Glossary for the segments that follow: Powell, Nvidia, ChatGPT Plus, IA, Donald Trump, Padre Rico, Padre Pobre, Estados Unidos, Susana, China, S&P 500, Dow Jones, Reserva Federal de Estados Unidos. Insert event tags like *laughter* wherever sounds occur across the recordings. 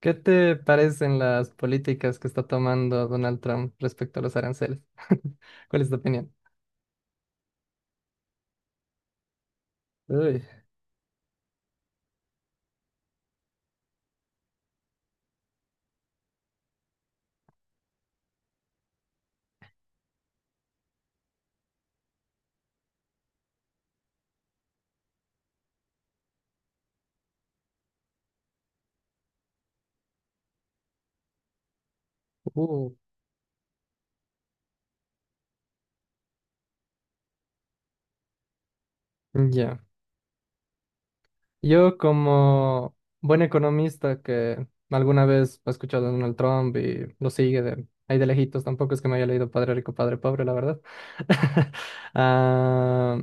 ¿Qué te parecen las políticas que está tomando Donald Trump respecto a los aranceles? *laughs* ¿Cuál es tu opinión? Uy, uh, ya. Yo, como buen economista que alguna vez ha escuchado a Donald Trump y lo sigue de ahí de lejitos, tampoco es que me haya leído Padre Rico, Padre Pobre, la verdad. *laughs* Ah,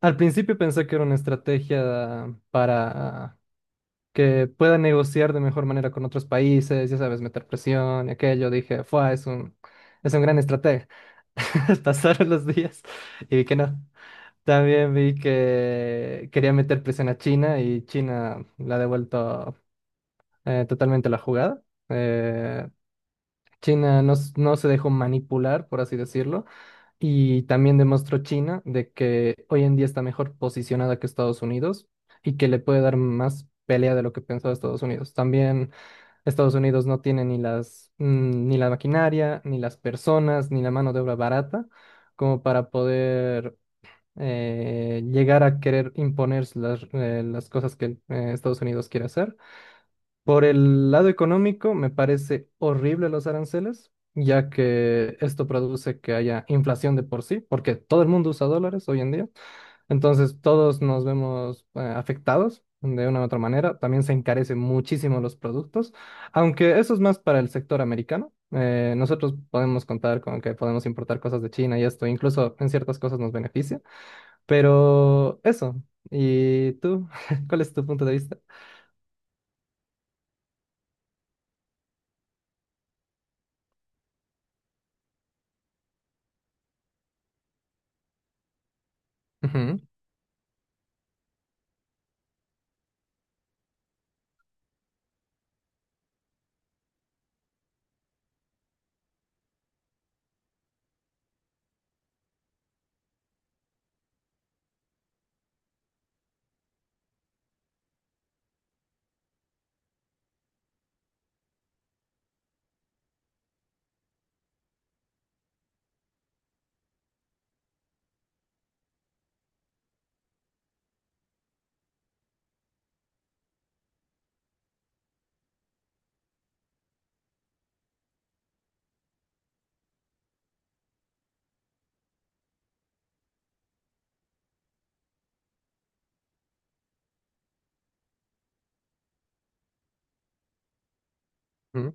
al principio pensé que era una estrategia para que pueda negociar de mejor manera con otros países, ya sabes, meter presión y aquello. Dije, es un gran estratega. *laughs* Pasaron los días y vi que no. También vi que quería meter presión a China y China la ha devuelto totalmente la jugada. Eh, China no se dejó manipular, por así decirlo. Y también demostró China de que hoy en día está mejor posicionada que Estados Unidos y que le puede dar más pelea de lo que pensaba Estados Unidos. También Estados Unidos no tiene ni las, ni la maquinaria, ni las personas, ni la mano de obra barata como para poder llegar a querer imponer las cosas que Estados Unidos quiere hacer. Por el lado económico, me parece horrible los aranceles, ya que esto produce que haya inflación de por sí, porque todo el mundo usa dólares hoy en día. Entonces todos nos vemos afectados de una u otra manera. También se encarecen muchísimo los productos, aunque eso es más para el sector americano. Nosotros podemos contar con que podemos importar cosas de China y esto incluso en ciertas cosas nos beneficia. Pero eso. ¿Y tú? *laughs* ¿Cuál es tu punto de vista? Ujú, ujú.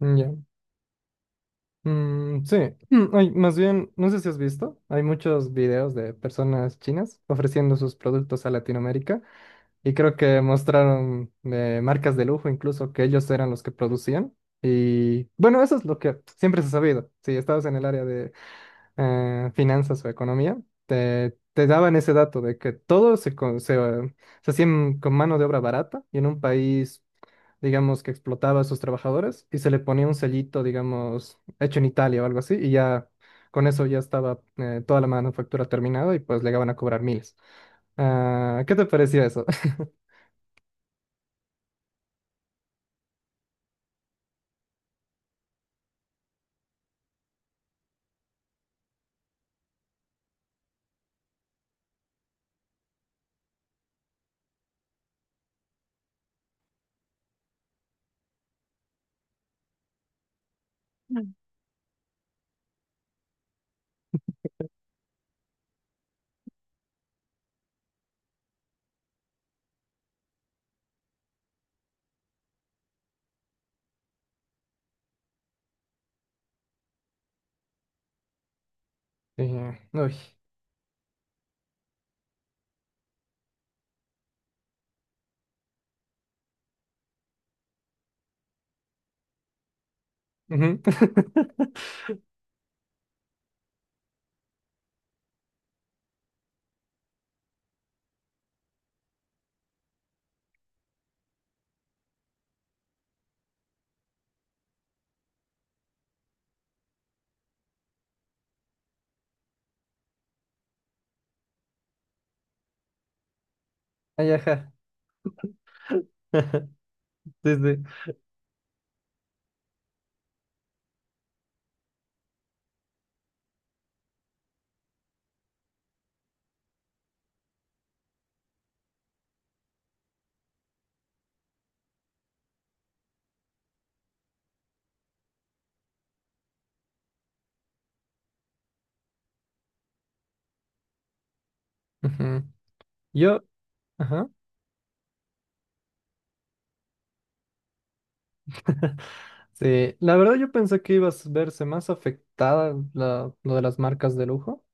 Ya. Mm, sí. Ay, más bien, no sé si has visto, hay muchos videos de personas chinas ofreciendo sus productos a Latinoamérica. Y creo que mostraron marcas de lujo, incluso que ellos eran los que producían. Y bueno, eso es lo que siempre se ha sabido. Si estabas en el área de finanzas o economía, te daban ese dato de que todo se hacía con mano de obra barata y en un país, digamos, que explotaba a sus trabajadores y se le ponía un sellito, digamos, hecho en Italia o algo así, y ya con eso ya estaba toda la manufactura terminada y pues llegaban a cobrar miles. Ah, ¿qué te pareció eso? *laughs* Sí, uy. Ujú. *laughs* Ay, ajá. *laughs* Sí, sí. Ujú. Yo, ajá. Sí, la verdad yo pensé que ibas a verse más afectada lo de las marcas de lujo,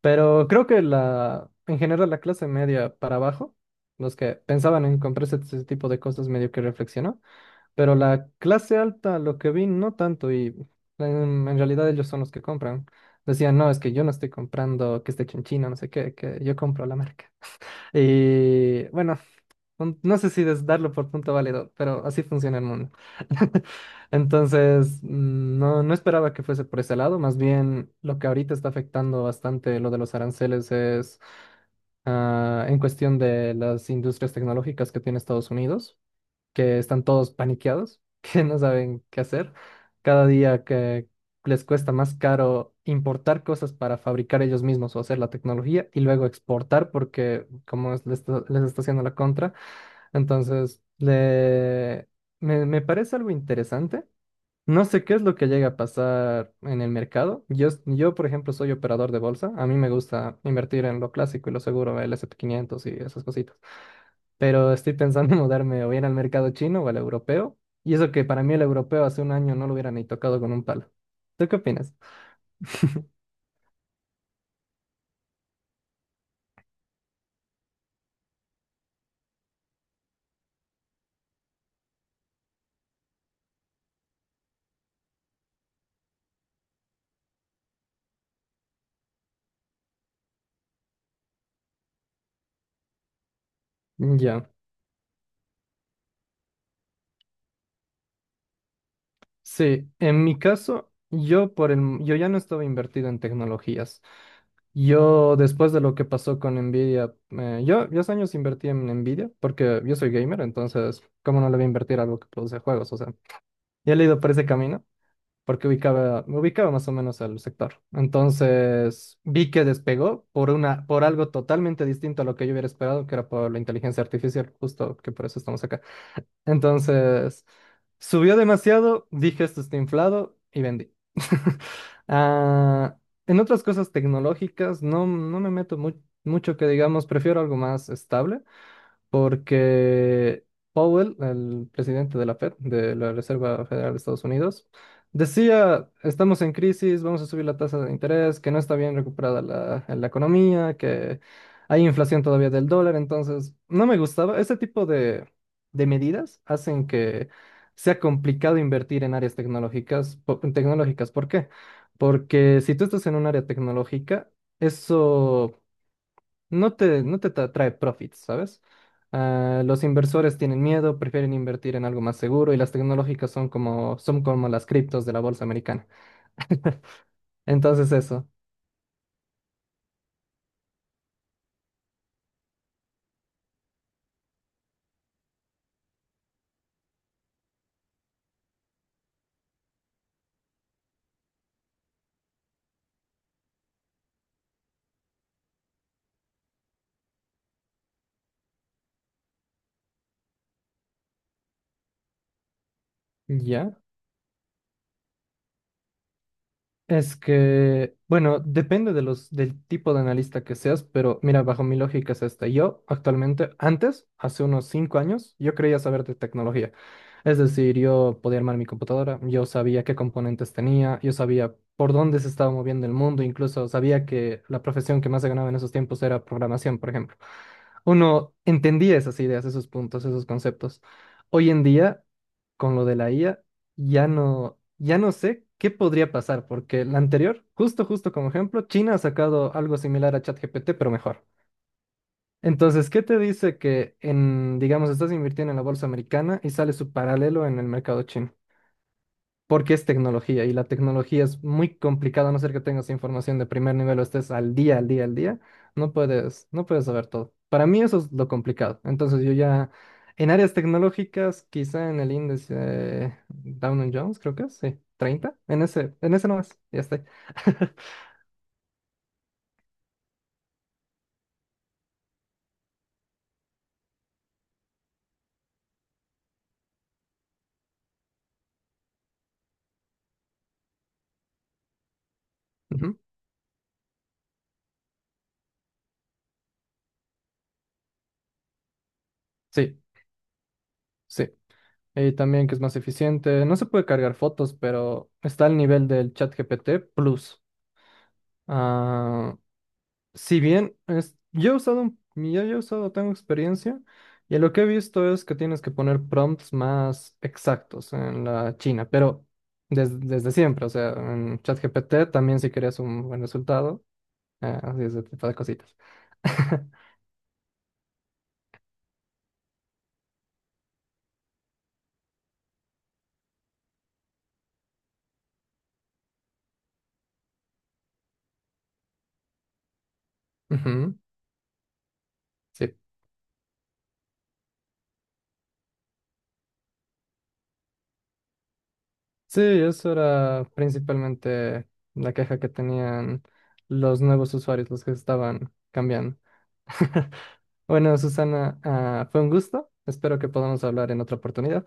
pero creo que en general la clase media para abajo, los que pensaban en comprarse ese tipo de cosas medio que reflexionó, pero la clase alta lo que vi no tanto y en realidad ellos son los que compran. Decían, no, es que yo no estoy comprando que esté hecho en China, no sé qué, que yo compro la marca. Y bueno, no sé si darlo por punto válido, pero así funciona el mundo. *laughs* Entonces, no esperaba que fuese por ese lado. Más bien, lo que ahorita está afectando bastante lo de los aranceles es en cuestión de las industrias tecnológicas que tiene Estados Unidos, que están todos paniqueados, *laughs* que no saben qué hacer. Cada día que les cuesta más caro importar cosas para fabricar ellos mismos o hacer la tecnología y luego exportar porque como es- les está haciendo la contra. Entonces, me parece algo interesante. No sé qué es lo que llega a pasar en el mercado. Yo, por ejemplo, soy operador de bolsa. A mí me gusta invertir en lo clásico y lo seguro, el S&P 500 y esas cositas, pero estoy pensando *laughs* en mudarme o bien al mercado chino o al europeo. Y eso que para mí el europeo hace un año no lo hubiera ni tocado con un palo. ¿Tú qué opinas? Ya, sí, en mi caso, yo yo ya no estaba invertido en tecnologías. Yo, después de lo que pasó con Nvidia, yo hace años invertí en Nvidia porque yo soy gamer, entonces, ¿cómo no le voy a invertir a algo que produce juegos? O sea, ya le he ido por ese camino, porque ubicaba, me ubicaba más o menos al sector. Entonces vi que despegó por algo totalmente distinto a lo que yo hubiera esperado, que era por la inteligencia artificial, justo que por eso estamos acá. Entonces subió demasiado, dije esto está inflado y vendí. *laughs* Ah, en otras cosas tecnológicas no me meto mucho que digamos, prefiero algo más estable porque Powell, el presidente de la Fed, de la Reserva Federal de Estados Unidos, decía, estamos en crisis, vamos a subir la tasa de interés, que no está bien recuperada la economía, que hay inflación todavía del dólar, entonces no me gustaba. Ese tipo de medidas hacen que sea complicado invertir en áreas tecnológicas. ¿Por qué? Porque si tú estás en un área tecnológica, eso no te trae profits, ¿sabes? Ah, los inversores tienen miedo, prefieren invertir en algo más seguro, y las tecnológicas son como las criptos de la bolsa americana. *laughs* Entonces eso, ¿ya? Es que, bueno, depende del tipo de analista que seas, pero mira, bajo mi lógica es esta. Yo actualmente, antes, hace unos 5 años, yo creía saber de tecnología. Es decir, yo podía armar mi computadora, yo sabía qué componentes tenía, yo sabía por dónde se estaba moviendo el mundo, incluso sabía que la profesión que más se ganaba en esos tiempos era programación, por ejemplo. Uno entendía esas ideas, esos puntos, esos conceptos. Hoy en día, con lo de la IA, ya no, ya no sé qué podría pasar, porque la anterior, justo como ejemplo, China ha sacado algo similar a ChatGPT, pero mejor. Entonces, ¿qué te dice que en, digamos, estás invirtiendo en la bolsa americana y sale su paralelo en el mercado chino? Porque es tecnología y la tecnología es muy complicada, a no ser que tengas información de primer nivel o estés al día, al día, al día. No puedes saber todo. Para mí eso es lo complicado. Entonces yo ya, en áreas tecnológicas, quizá en el índice Dow Jones, creo que es, sí, 30, en ese nomás, ya estoy. *laughs* Ujú. Sí, sí. Y también que es más eficiente. No se puede cargar fotos, pero está al nivel del ChatGPT Plus. Ah, si bien es, yo ya he usado, tengo experiencia, y lo que he visto es que tienes que poner prompts más exactos en la China, pero desde siempre, o sea, en ChatGPT también, si querías un buen resultado, así ese tipo de cositas. *laughs* Ujú, sí. Sí, eso era principalmente la queja que tenían los nuevos usuarios, los que estaban cambiando. *laughs* Bueno, Susana, fue un gusto. Espero que podamos hablar en otra oportunidad.